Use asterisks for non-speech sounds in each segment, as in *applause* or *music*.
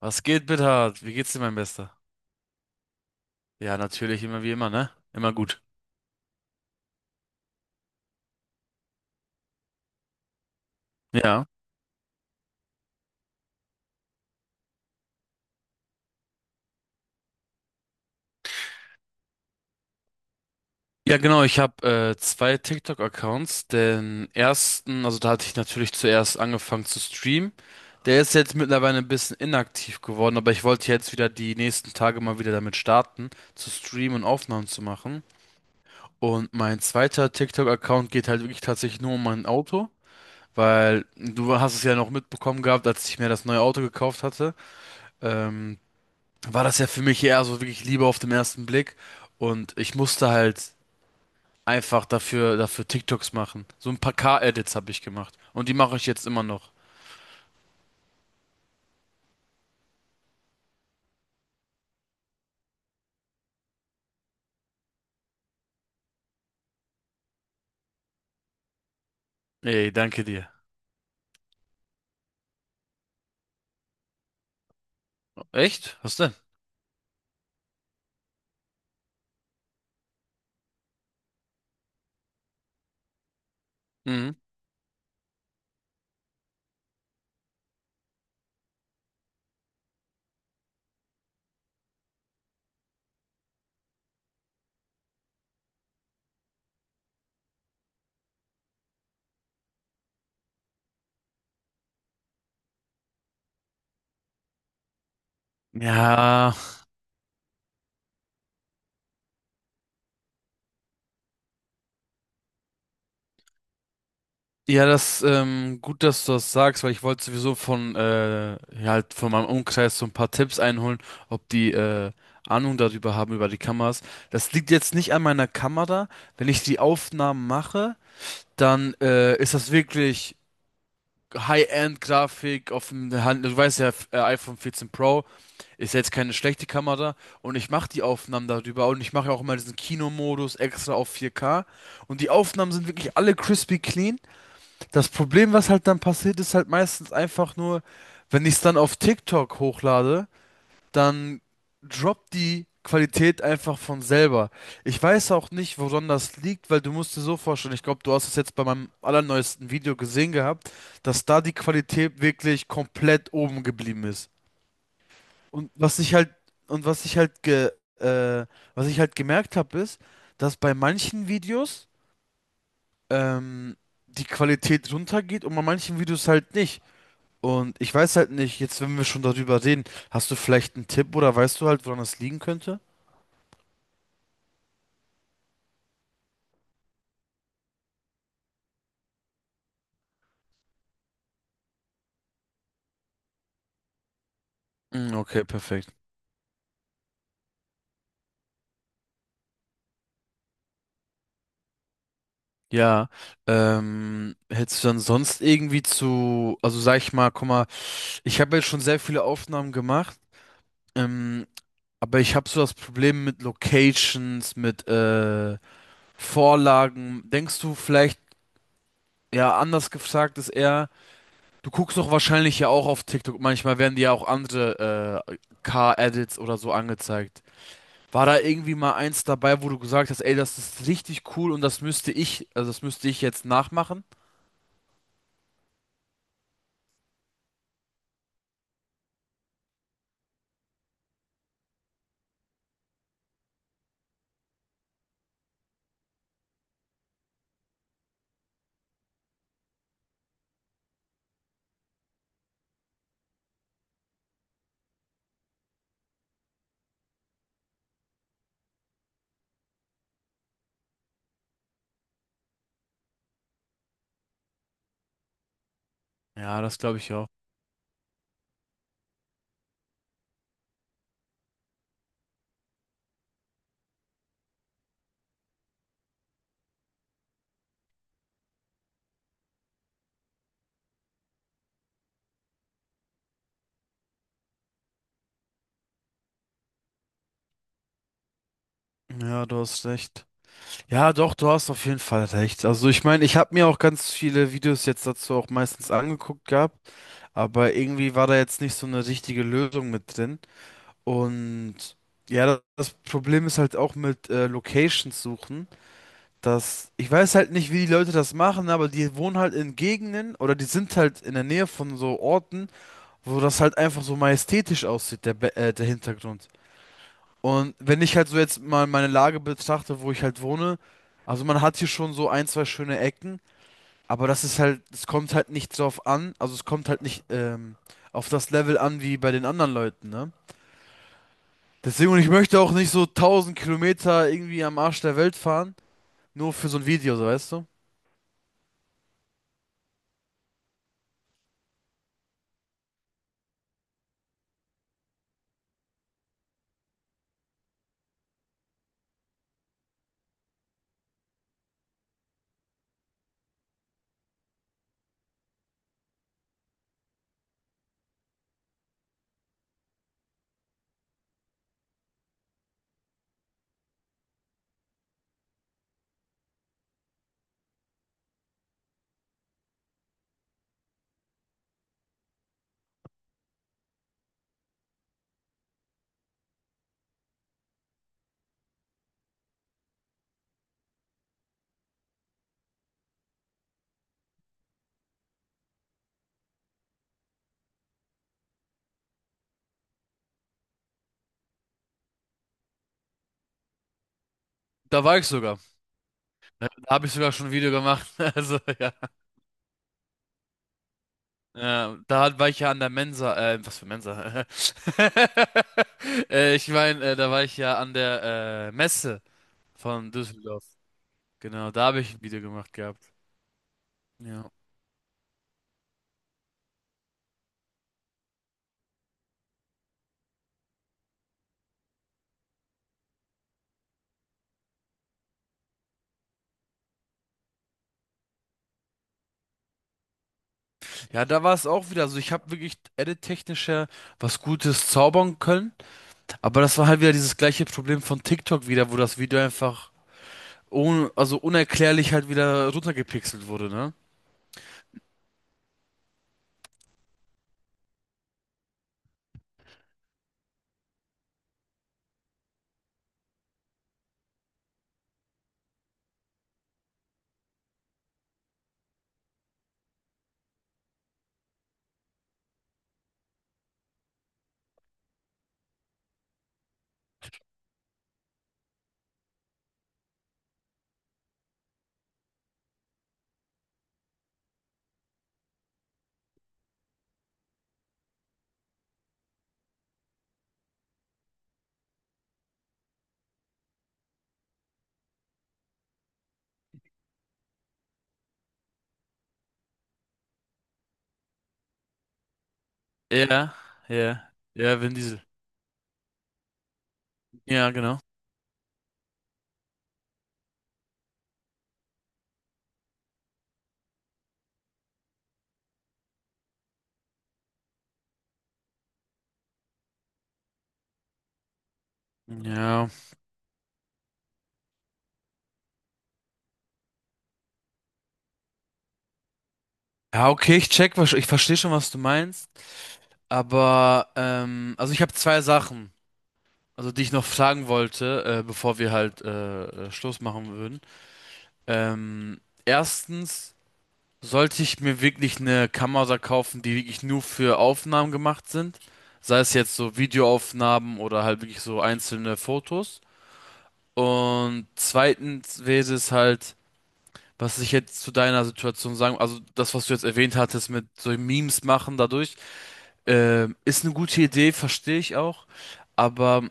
Was geht, Bithard? Wie geht's dir, mein Bester? Ja, natürlich, immer wie immer, ne? Immer gut. Ja. Ja, genau, ich habe zwei TikTok-Accounts. Den ersten, also da hatte ich natürlich zuerst angefangen zu streamen. Der ist jetzt mittlerweile ein bisschen inaktiv geworden, aber ich wollte jetzt wieder die nächsten Tage mal wieder damit starten, zu streamen und Aufnahmen zu machen. Und mein zweiter TikTok-Account geht halt wirklich tatsächlich nur um mein Auto, weil du hast es ja noch mitbekommen gehabt, als ich mir das neue Auto gekauft hatte. Ähm, war das ja für mich eher so wirklich Liebe auf den ersten Blick. Und ich musste halt einfach dafür TikToks machen. So ein paar K-Edits habe ich gemacht. Und die mache ich jetzt immer noch. Ey, danke dir. Echt? Was denn? Mhm. Ja, ja, gut, dass du das sagst, weil ich wollte sowieso halt von meinem Umkreis so ein paar Tipps einholen, ob die Ahnung darüber haben, über die Kameras. Das liegt jetzt nicht an meiner Kamera. Wenn ich die Aufnahmen mache, dann ist das wirklich High-End-Grafik auf dem Hand. Du weißt ja, iPhone 14 Pro ist jetzt keine schlechte Kamera und ich mache die Aufnahmen darüber und ich mache auch immer diesen Kinomodus extra auf 4K und die Aufnahmen sind wirklich alle crispy clean. Das Problem, was halt dann passiert, ist halt meistens einfach nur, wenn ich es dann auf TikTok hochlade, dann droppt die Qualität einfach von selber. Ich weiß auch nicht, woran das liegt, weil du musst dir so vorstellen, ich glaube, du hast es jetzt bei meinem allerneuesten Video gesehen gehabt, dass da die Qualität wirklich komplett oben geblieben ist. Und was ich halt, und was ich halt ge, äh, Was ich halt gemerkt habe, ist, dass bei manchen Videos ähm, die Qualität runtergeht und bei manchen Videos halt nicht. Und ich weiß halt nicht, jetzt wenn wir schon darüber reden, hast du vielleicht einen Tipp oder weißt du halt, woran das liegen könnte? Mm. Okay, perfekt. Ja, hättest du dann sonst irgendwie zu, also sag ich mal, guck mal, ich habe jetzt schon sehr viele Aufnahmen gemacht, ähm, aber ich habe so das Problem mit Locations, mit Vorlagen. Denkst du vielleicht, ja, anders gefragt ist eher, du guckst doch wahrscheinlich ja auch auf TikTok, manchmal werden dir ja auch andere Car-Edits oder so angezeigt. War da irgendwie mal eins dabei, wo du gesagt hast, ey, das ist richtig cool und das müsste ich jetzt nachmachen? Ja, das glaube ich auch. Ja, du hast recht. Ja, doch, du hast auf jeden Fall recht. Also ich meine, ich habe mir auch ganz viele Videos jetzt dazu auch meistens angeguckt gehabt, aber irgendwie war da jetzt nicht so eine richtige Lösung mit drin. Und ja, das Problem ist halt auch mit Locations suchen, dass ich weiß halt nicht, wie die Leute das machen, aber die wohnen halt in Gegenden oder die sind halt in der Nähe von so Orten, wo das halt einfach so majestätisch aussieht, der Hintergrund. Und wenn ich halt so jetzt mal meine Lage betrachte, wo ich halt wohne, also man hat hier schon so ein, zwei schöne Ecken, aber es kommt halt nicht drauf an, also es kommt halt nicht auf das Level an wie bei den anderen Leuten, ne? Deswegen, und ich möchte auch nicht so 1000 Kilometer irgendwie am Arsch der Welt fahren, nur für so ein Video, so weißt du? Da war ich sogar. Da habe ich sogar schon ein Video gemacht. *laughs* Also ja. Ja war ich ja an der Mensa. Was für Mensa? *laughs* Ich meine, da war ich ja an der Messe. Von Düsseldorf. Genau, da habe ich ein Video gemacht gehabt. Ja. Ja, da war es auch wieder. Also ich habe wirklich edit-technisch ja was Gutes zaubern können. Aber das war halt wieder dieses gleiche Problem von TikTok wieder, wo das Video einfach un also unerklärlich halt wieder runtergepixelt wurde, ne? Ja, ja. Ja, Vin Diesel. Ja, genau. Ja. Ja, okay, ich check, ich verstehe schon, was du meinst. Aber, also ich habe zwei Sachen, also die ich noch fragen wollte, bevor wir halt Schluss machen würden. Erstens, sollte ich mir wirklich eine Kamera kaufen, die wirklich nur für Aufnahmen gemacht sind? Sei es jetzt so Videoaufnahmen oder halt wirklich so einzelne Fotos. Und zweitens wäre es halt, was ich jetzt zu deiner Situation sagen, also das, was du jetzt erwähnt hattest mit so Memes machen dadurch, ist eine gute Idee, verstehe ich auch. Aber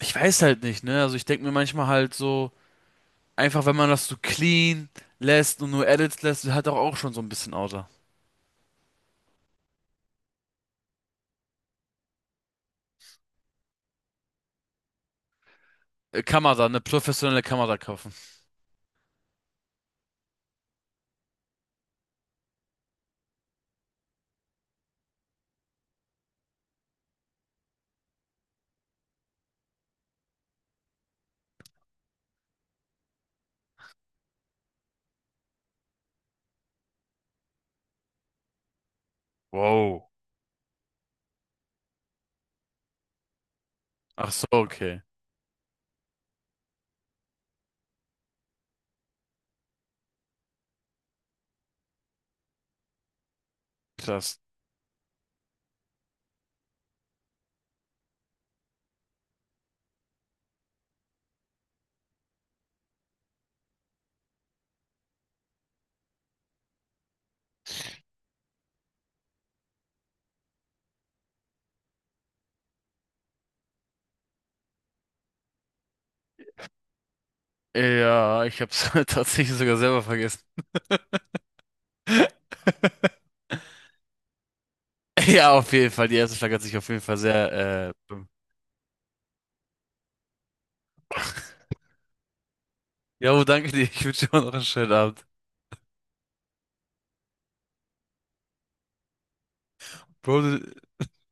ich weiß halt nicht, ne? Also ich denke mir manchmal halt so, einfach, wenn man das so clean lässt und nur Edits lässt, hat auch schon so ein bisschen Auto. Kamera, eine professionelle Kamera kaufen. Wow. Ach so, okay. Krass. Ja, ich hab's *laughs* tatsächlich sogar selber vergessen. *laughs* Ja, auf jeden Fall. Die erste Frage hat sich auf jeden Fall sehr, ja, danke dir. Ich wünsche dir noch einen schönen Abend. Bro,